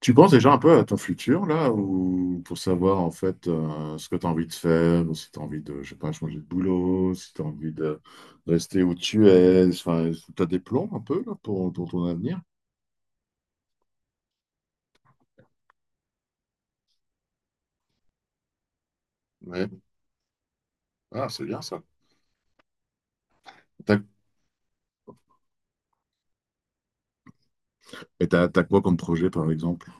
Tu penses déjà un peu à ton futur, là, ou pour savoir en fait ce que tu as envie de faire, ou si tu as envie de, je sais pas, changer de boulot, si tu as envie de rester où tu es, enfin, tu as des plans un peu là, pour ton avenir? Ouais. Ah, c'est bien ça. T'as- et t'as quoi comme projet, par exemple?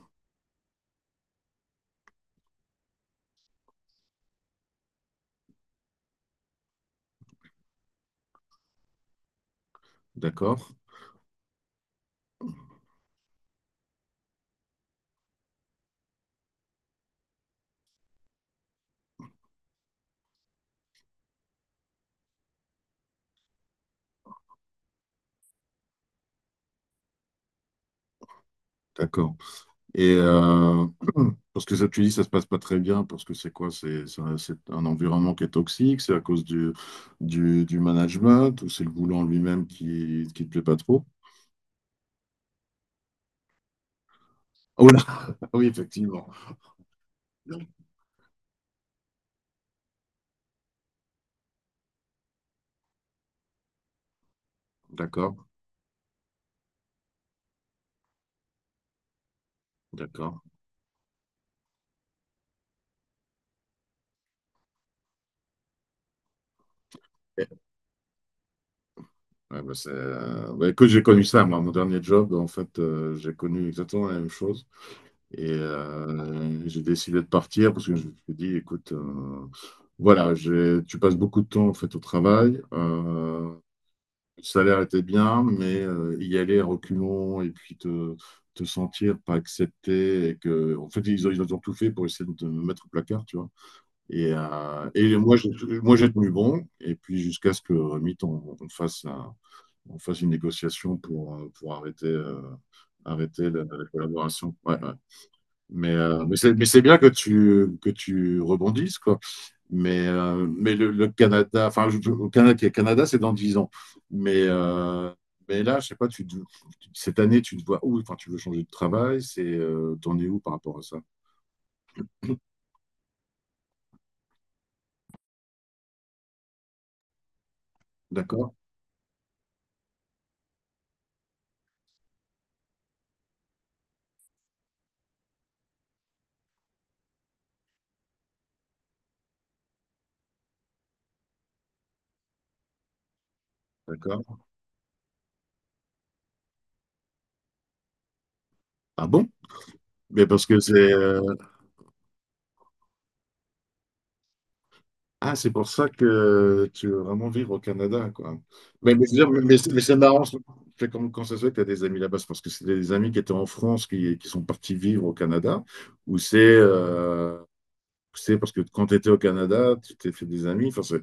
D'accord? D'accord. Et parce que ça, tu dis, ça se passe pas très bien, parce que c'est quoi? C'est un environnement qui est toxique, c'est à cause du management, ou c'est le boulot en lui-même qui te plaît pas trop? Oui, effectivement. D'accord, d'accord. Ok. Ouais, bah, c'est, bah, écoute, j'ai connu ça, moi, mon dernier job, en fait, j'ai connu exactement la même chose. Et j'ai décidé de partir parce que je me suis dit, écoute, voilà, tu passes beaucoup de temps, en fait, au travail. Le salaire était bien, mais y aller à reculons et puis te sentir pas accepté et que, en fait, ils ont tout fait pour essayer de te mettre au placard, tu vois. Et moi, j'ai tenu bon. Et puis, jusqu'à ce que Remit, on fasse une négociation pour arrêter la collaboration. Ouais, ouais. Mais c'est bien que que tu rebondisses, quoi. Mais le Canada, enfin, au Canada, c'est dans 10 ans. Mais, euh, mais là, je sais pas, cette année, tu te vois où? Enfin, tu veux changer de travail, t'en es où par rapport à ça? D'accord, d'accord. Ah bon? Mais parce que c'est. Ah, c'est pour ça que tu veux vraiment vivre au Canada, quoi. Mais, je mais c'est marrant, c'est comme quand ça se fait que tu as des amis là-bas, c'est parce que c'est des amis qui étaient en France qui sont partis vivre au Canada, ou c'est parce que quand tu étais au Canada, tu t'es fait des amis, enfin, c'est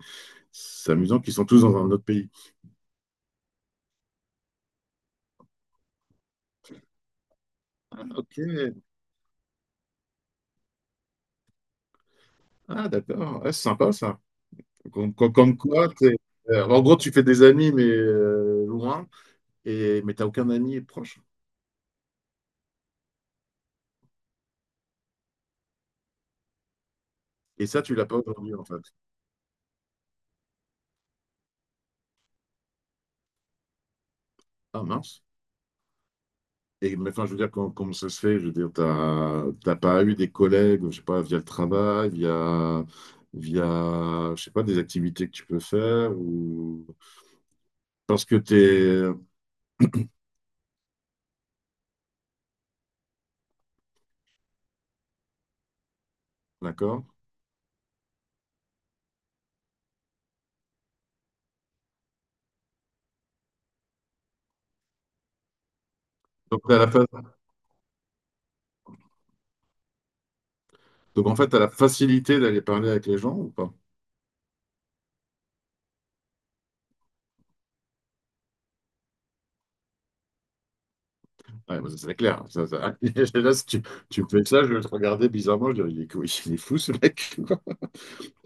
c'est amusant qu'ils sont tous dans un autre pays. Ah, ok, ah, d'accord, ah, c'est sympa ça. Comme quoi, en gros, tu fais des amis, mais loin, mais t'as aucun ami proche. Et ça, tu l'as pas aujourd'hui, en fait. Ah, mince. Et mais enfin je veux dire, comment, ça se fait? Je veux dire, t'as pas eu des collègues, je sais pas, via le travail, via, je sais pas, des activités que tu peux faire ou parce que t'es, d'accord? Donc, t'as la fa- Donc, en fait, t'as la facilité d'aller parler avec les gens ou pas? Ouais, bah, ça, c'est clair. Là, si tu me fais ça, je vais te regarder bizarrement, je dirais, il est fou ce mec, quoi.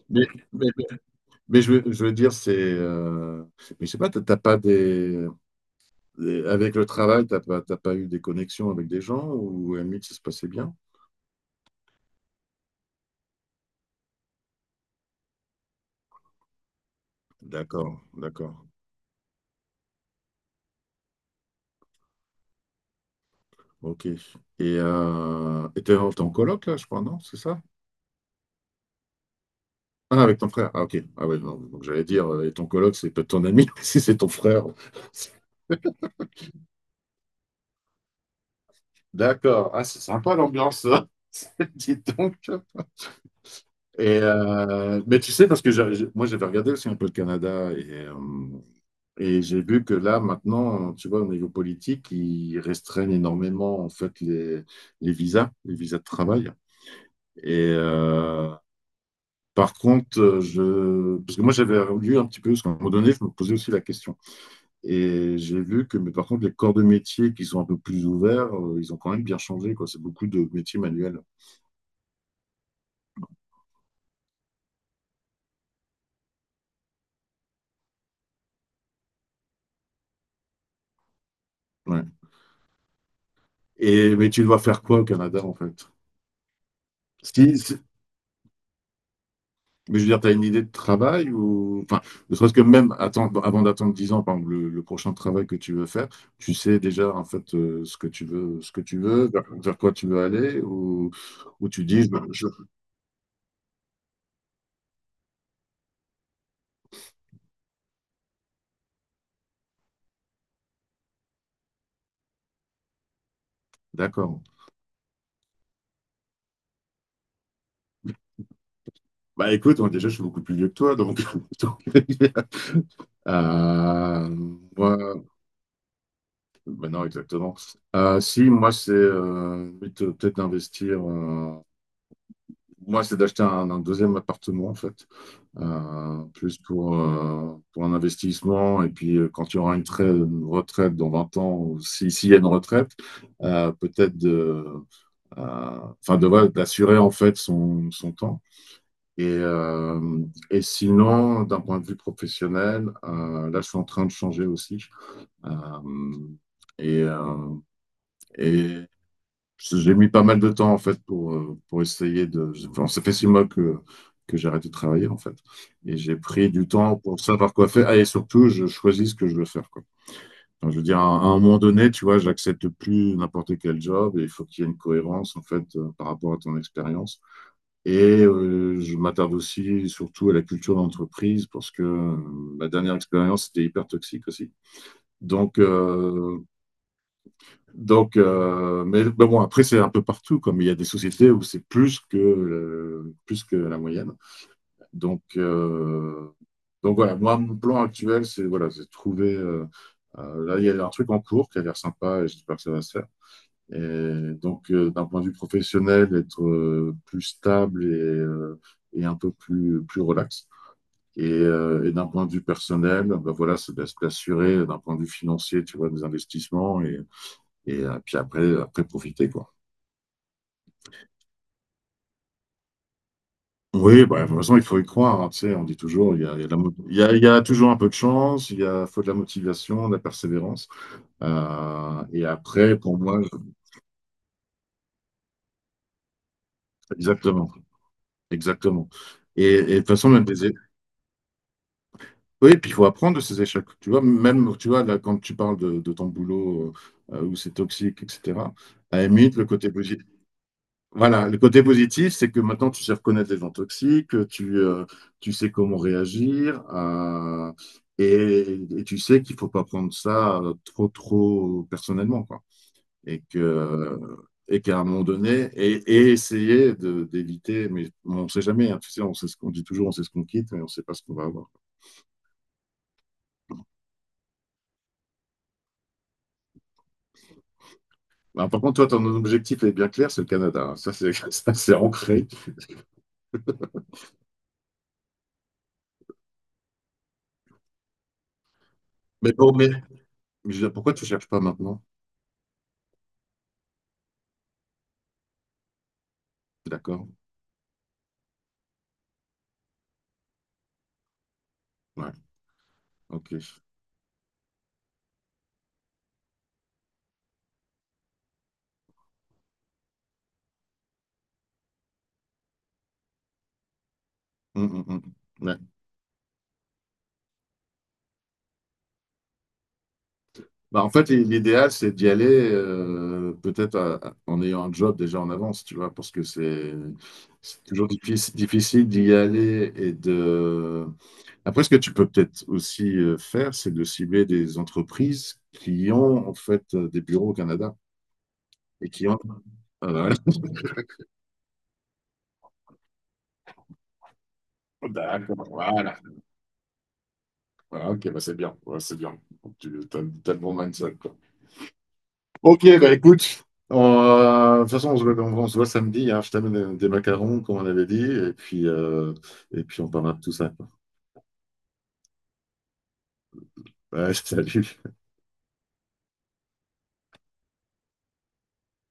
Mais, mais, mais je veux dire, mais je sais pas, t'as pas des. Et avec le travail, t'as pas eu des connexions avec des gens ou à la limite, ça se passait bien? D'accord, d'accord. Ok. Et t'es en coloc là, je crois, non? C'est ça? Ah, avec ton frère. Ah, ok. Ah ouais, non. Donc j'allais dire, et ton coloc, c'est peut-être ton ami, si c'est ton frère. D'accord. Ah, c'est sympa l'ambiance, ça. Dis donc. Et mais tu sais, parce que moi, j'avais regardé aussi un peu le Canada. Et j'ai vu que là, maintenant, tu vois, au niveau politique, ils restreignent énormément, en fait, les visas de travail. Et par contre, parce que moi, j'avais lu un petit peu, parce qu'à un moment donné, je me posais aussi la question. Et j'ai vu que, mais par contre, les corps de métier qui sont un peu plus ouverts, ils ont quand même bien changé, quoi. C'est beaucoup de métiers manuels. Ouais. Mais tu dois faire quoi au Canada, en fait? Si, si Mais je veux dire, tu as une idée de travail ou. Enfin, ne serait-ce que même attendre, avant d'attendre 10 ans, par exemple, le prochain travail que tu veux faire, tu sais déjà en fait ce que tu veux, vers quoi tu veux aller, ou tu dis, d'accord. Bah écoute, moi, déjà, je suis beaucoup plus vieux que toi, donc. donc, euh, moi, bah non, exactement. Si, moi, c'est peut-être d'investir. Moi, c'est d'acheter un deuxième appartement, en fait, Plus pour un investissement. Et puis, quand il y aura une, une retraite dans 20 ans, ou si, s'il y a une retraite, Peut-être de, voilà, d'assurer, en fait, son temps. Et, euh, et sinon, d'un point de vue professionnel, là, je suis en train de changer aussi. Euh, et, euh, et j'ai mis pas mal de temps en fait pour essayer de. Enfin, ça fait 6 mois que j'ai arrêté de travailler en fait. Et j'ai pris du temps pour savoir quoi faire. Ah, et surtout, je choisis ce que je veux faire, quoi. Enfin, je veux dire, à un moment donné, tu vois, j'accepte plus n'importe quel job et il faut qu'il y ait une cohérence en fait par rapport à ton expérience. Et je m'attarde aussi surtout à la culture d'entreprise parce que ma dernière expérience était hyper toxique aussi. Donc, euh, donc, mais bon, après, c'est un peu partout, comme il y a des sociétés où c'est plus plus que la moyenne. Donc, euh, donc voilà, moi, mon plan actuel, c'est voilà, c'est de trouver. Là, il y a un truc en cours qui a l'air sympa et j'espère que ça va se faire. Et donc, d'un point de vue professionnel, être plus stable et un peu plus relax. Et d'un point de vue personnel, ben voilà, c'est d'assurer d'un point de vue financier, tu vois, des investissements et puis après profiter, quoi. Oui, bah, de toute façon, il faut y croire. Hein, tu sais, on dit toujours, il y a de la mo- il y a toujours un peu de chance, faut de la motivation, de la persévérance. Et après, pour moi. Exactement, exactement. Et de toute façon, même. Oui, puis il faut apprendre de ces échecs. Tu vois, même, tu vois, là, quand tu parles de ton boulot où c'est toxique, etc., à la limite, Voilà, le côté positif, c'est que maintenant tu sais reconnaître les gens toxiques, tu sais comment réagir, et tu sais qu'il faut pas prendre ça trop, trop personnellement, quoi. Et que, et qu'à un moment donné, et essayer d'éviter, mais on ne sait jamais, hein, tu sais, on sait ce qu'on dit toujours, on sait ce qu'on quitte, mais on ne sait pas ce qu'on va avoir. Bah, par contre, toi, ton objectif est bien clair, c'est le Canada. Hein. Ça, c'est, ça, c'est ancré. Mais bon, mais je veux dire, pourquoi tu cherches pas maintenant? T'es d'accord? Ouais, ok. Hum, hum, hum. Ouais. Bah, en fait, l'idéal, c'est d'y aller peut-être en ayant un job déjà en avance, tu vois, parce que c'est toujours difficile d'y aller et de... Après, ce que tu peux peut-être aussi faire, c'est de cibler des entreprises qui ont en fait des bureaux au Canada et qui ont... Voilà. D'accord, voilà. Voilà, ok, bah c'est bien, ouais, c'est bien. Tu as, le bon mindset, quoi. Ok, bah écoute, de toute façon, on se voit, on se voit samedi, hein. Je t'amène des macarons, comme on avait dit, et puis on parlera de tout ça, quoi. Ouais, salut.